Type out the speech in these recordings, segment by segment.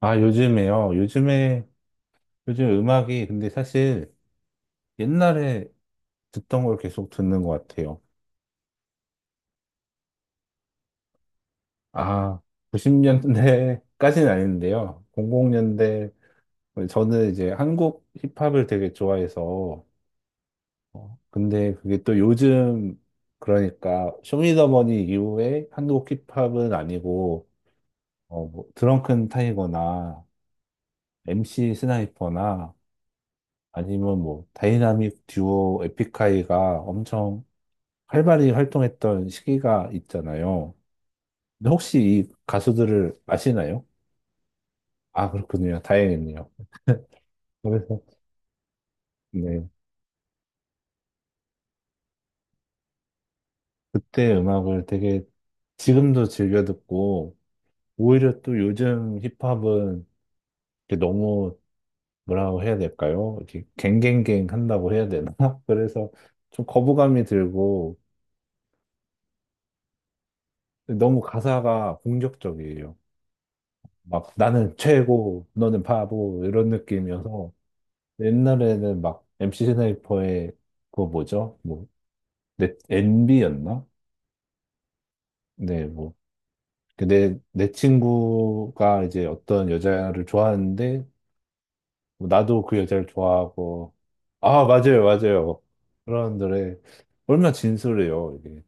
아, 요즘에요. 요즘 음악이, 근데 사실 옛날에 듣던 걸 계속 듣는 것 같아요. 아, 90년대까지는 아닌데요. 00년대, 저는 이제 한국 힙합을 되게 좋아해서, 근데 그게 또 요즘, 그러니까, 쇼미더머니 이후에 한국 힙합은 아니고, 어, 뭐, 드렁큰 타이거나, MC 스나이퍼나, 아니면 뭐, 다이나믹 듀오 에픽하이가 엄청 활발히 활동했던 시기가 있잖아요. 근데 혹시 이 가수들을 아시나요? 아, 그렇군요. 다행이네요. 그래서, 네. 그때 음악을 되게 지금도 즐겨 듣고, 오히려 또 요즘 힙합은 이렇게 너무 뭐라고 해야 될까요? 이렇게 갱갱갱 한다고 해야 되나? 그래서 좀 거부감이 들고, 너무 가사가 공격적이에요. 막 나는 최고, 너는 바보, 이런 느낌이어서. 옛날에는 막 MC 스나이퍼의 그거 뭐죠? 뭐, 넷, NB였나? 네, 뭐. 그 내 친구가 이제 어떤 여자를 좋아하는데, 뭐 나도 그 여자를 좋아하고, 아, 맞아요, 맞아요. 그런 노래. 얼마나 진솔해요, 이게.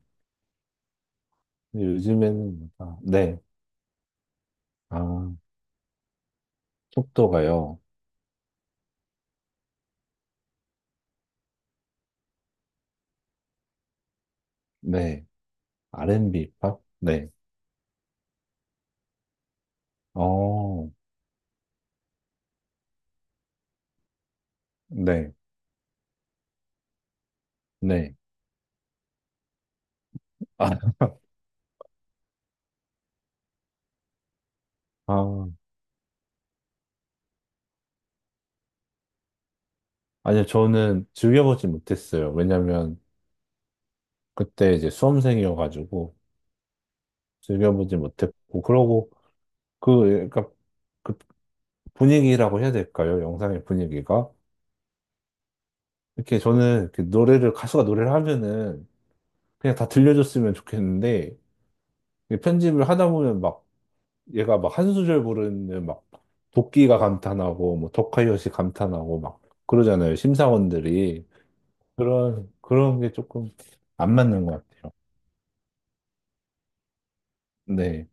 근데 요즘에는, 아, 네. 아, 속도가요. 네. R&B 팝? 네. 어, 네. 네. 아, 아, 아니요, 저는 즐겨보지 못했어요. 왜냐면, 그때 이제 수험생이어가지고 즐겨보지 못했고 그러고 그 그러니까 그 분위기라고 해야 될까요? 영상의 분위기가 이렇게 저는 이렇게 노래를 가수가 노래를 하면은 그냥 다 들려줬으면 좋겠는데 이게 편집을 하다 보면 막 얘가 막 한 수절 부르는 막 도끼가 감탄하고 뭐 더카이엇이 감탄하고 막 그러잖아요, 심사원들이. 그런 게 조금 안 맞는 것 같아요. 네.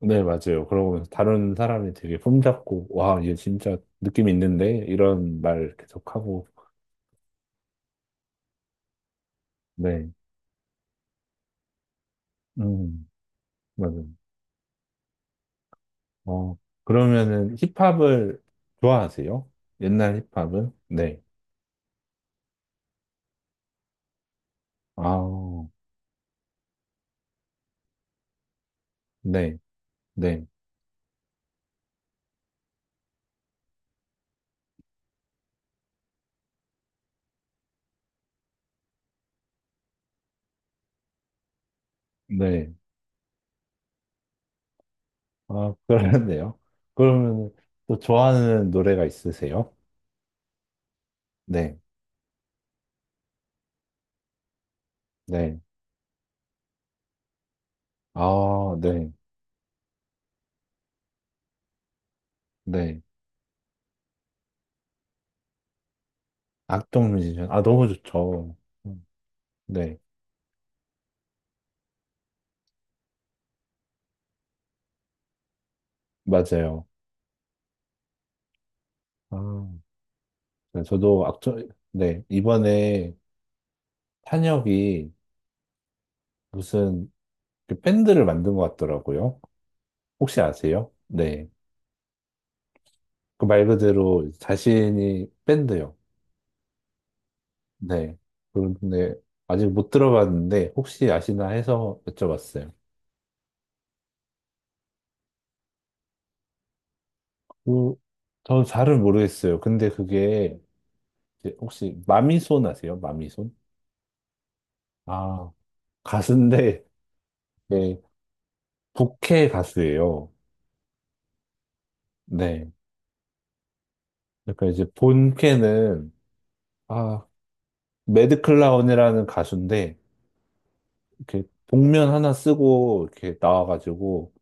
네, 맞아요. 그러고 다른 사람이 되게 폼잡고, 와, 얘 진짜 느낌 있는데? 이런 말 계속하고, 네. 음, 맞아요. 어, 그러면은 힙합을 좋아하세요? 옛날 힙합은? 네. 아, 네, 네, 네. 아, 그러네요. 그러면은 또 좋아하는 노래가 있으세요? 네, 네. 아, 네, 네. 악동 뮤지션. 아, 너무 좋죠. 음, 네, 맞아요. 아. 네, 저도 악전, 네, 이번에 탄혁이 무슨 그 밴드를 만든 것 같더라고요. 혹시 아세요? 네. 그 말 그대로 자신이 밴드요. 네. 그런데 아직 못 들어봤는데 혹시 아시나 해서 여쭤봤어요. 그, 는 잘은 모르겠어요. 근데 그게 이제 혹시 마미손 아세요? 마미손? 아, 가수인데, 네, 부캐 가수예요. 네. 그러니까 이제 본캐는 아, 매드 클라운이라는 가수인데 이렇게 복면 하나 쓰고 이렇게 나와가지고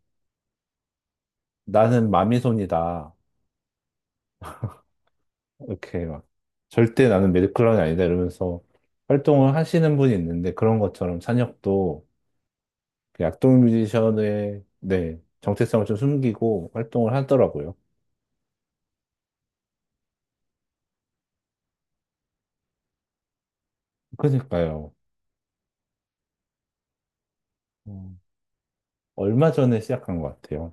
나는 마미손이다 이렇게 막 절대 나는 매드 클라운이 아니다 이러면서 활동을 하시는 분이 있는데 그런 것처럼 찬혁도 그 약동 뮤지션의 네 정체성을 좀 숨기고 활동을 하더라고요. 그러니까요. 음, 얼마 전에 시작한 것 같아요.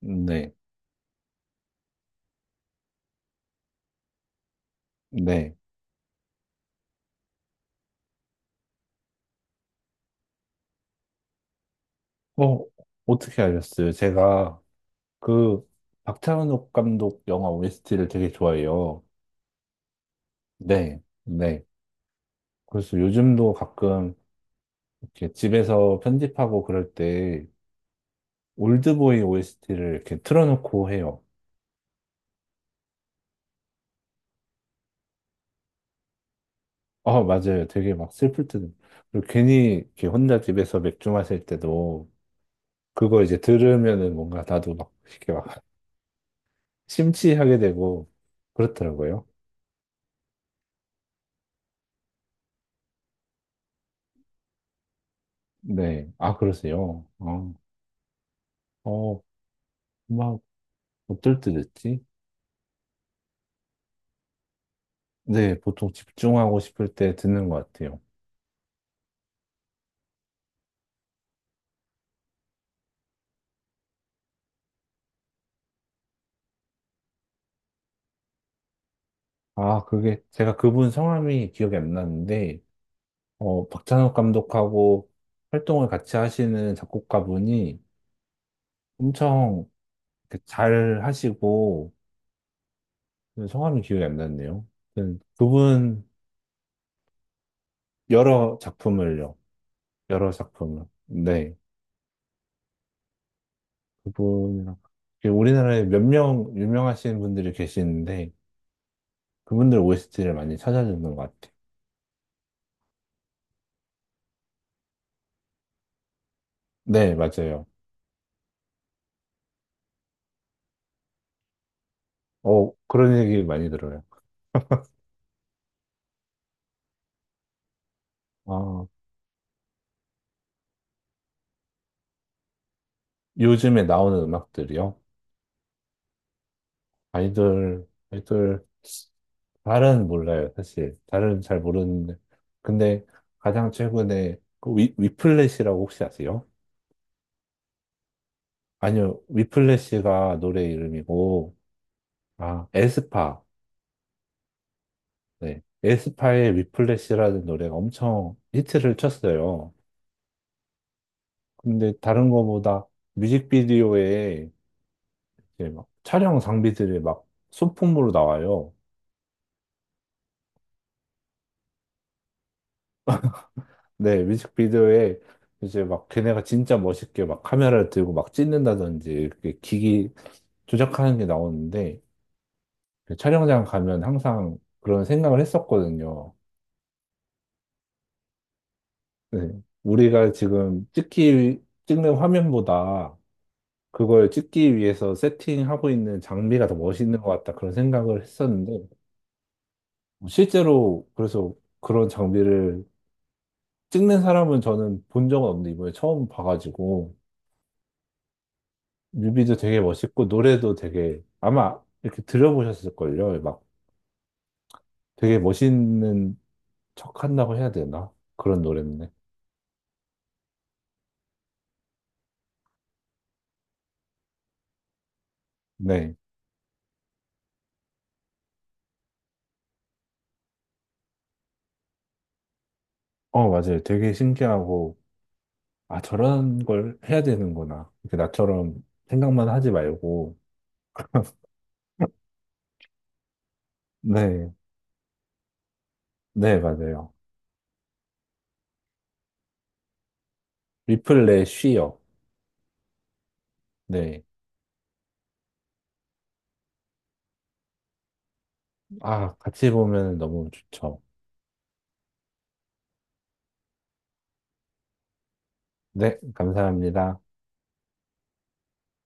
네, 네. 어, 어떻게 알았어요? 제가 그 박찬욱 감독 영화 OST를 되게 좋아해요. 네, 네. 그래서 요즘도 가끔 이렇게 집에서 편집하고 그럴 때 올드보이 OST를 이렇게 틀어놓고 해요. 아, 맞아요. 되게 막 슬플 때도. 그리고 괜히 이렇게 혼자 집에서 맥주 마실 때도 그거 이제 들으면은 뭔가 나도 막 이렇게 막 심취하게 되고 그렇더라고요. 네. 아, 그러세요. 어, 막 어떨 때 듣지? 네, 보통 집중하고 싶을 때 듣는 것 같아요. 아, 그게, 제가 그분 성함이 기억이 안 나는데, 어, 박찬욱 감독하고 활동을 같이 하시는 작곡가분이 엄청 이렇게 잘 하시고, 성함이 기억이 안 났네요. 아무튼 그분 여러 작품을요. 여러 작품을. 네. 그분이랑. 이게 우리나라에 몇 명 유명하신 분들이 계시는데, 그분들 OST를 많이 찾아주는 것 같아요. 네, 맞아요. 어, 그런 얘기 많이 들어요. 아, 요즘에 나오는 음악들이요. 아이돌, 아이돌, 잘은 몰라요, 사실. 잘은 잘 모르는데. 근데 가장 최근에 그 위플래시라고 혹시 아세요? 아니요, 위플래시가 노래 이름이고, 아, 에스파. 네. 에스파의 위플래시라는 노래가 엄청 히트를 쳤어요. 근데 다른 거보다 뮤직비디오에 이제 막 촬영 장비들이 막 소품으로 나와요. 네, 뮤직비디오에 이제 막 걔네가 진짜 멋있게 막 카메라를 들고 막 찍는다든지 이렇게 기기 조작하는 게 나오는데 그 촬영장 가면 항상 그런 생각을 했었거든요. 네, 우리가 지금 찍는 화면보다 그걸 찍기 위해서 세팅하고 있는 장비가 더 멋있는 것 같다 그런 생각을 했었는데 실제로 그래서 그런 장비를 찍는 사람은 저는 본 적은 없는데 이번에 처음 봐가지고 뮤비도 되게 멋있고 노래도 되게 아마 이렇게 들어보셨을걸요. 막 되게 멋있는 척한다고 해야 되나? 그런 노래인데. 네. 어, 맞아요. 되게 신기하고 아, 저런 걸 해야 되는구나. 이렇게 나처럼 생각만 하지 말고. 네. 네, 맞아요. 리플레 쉬어. 네. 아, 같이 보면 너무 좋죠. 네, 감사합니다.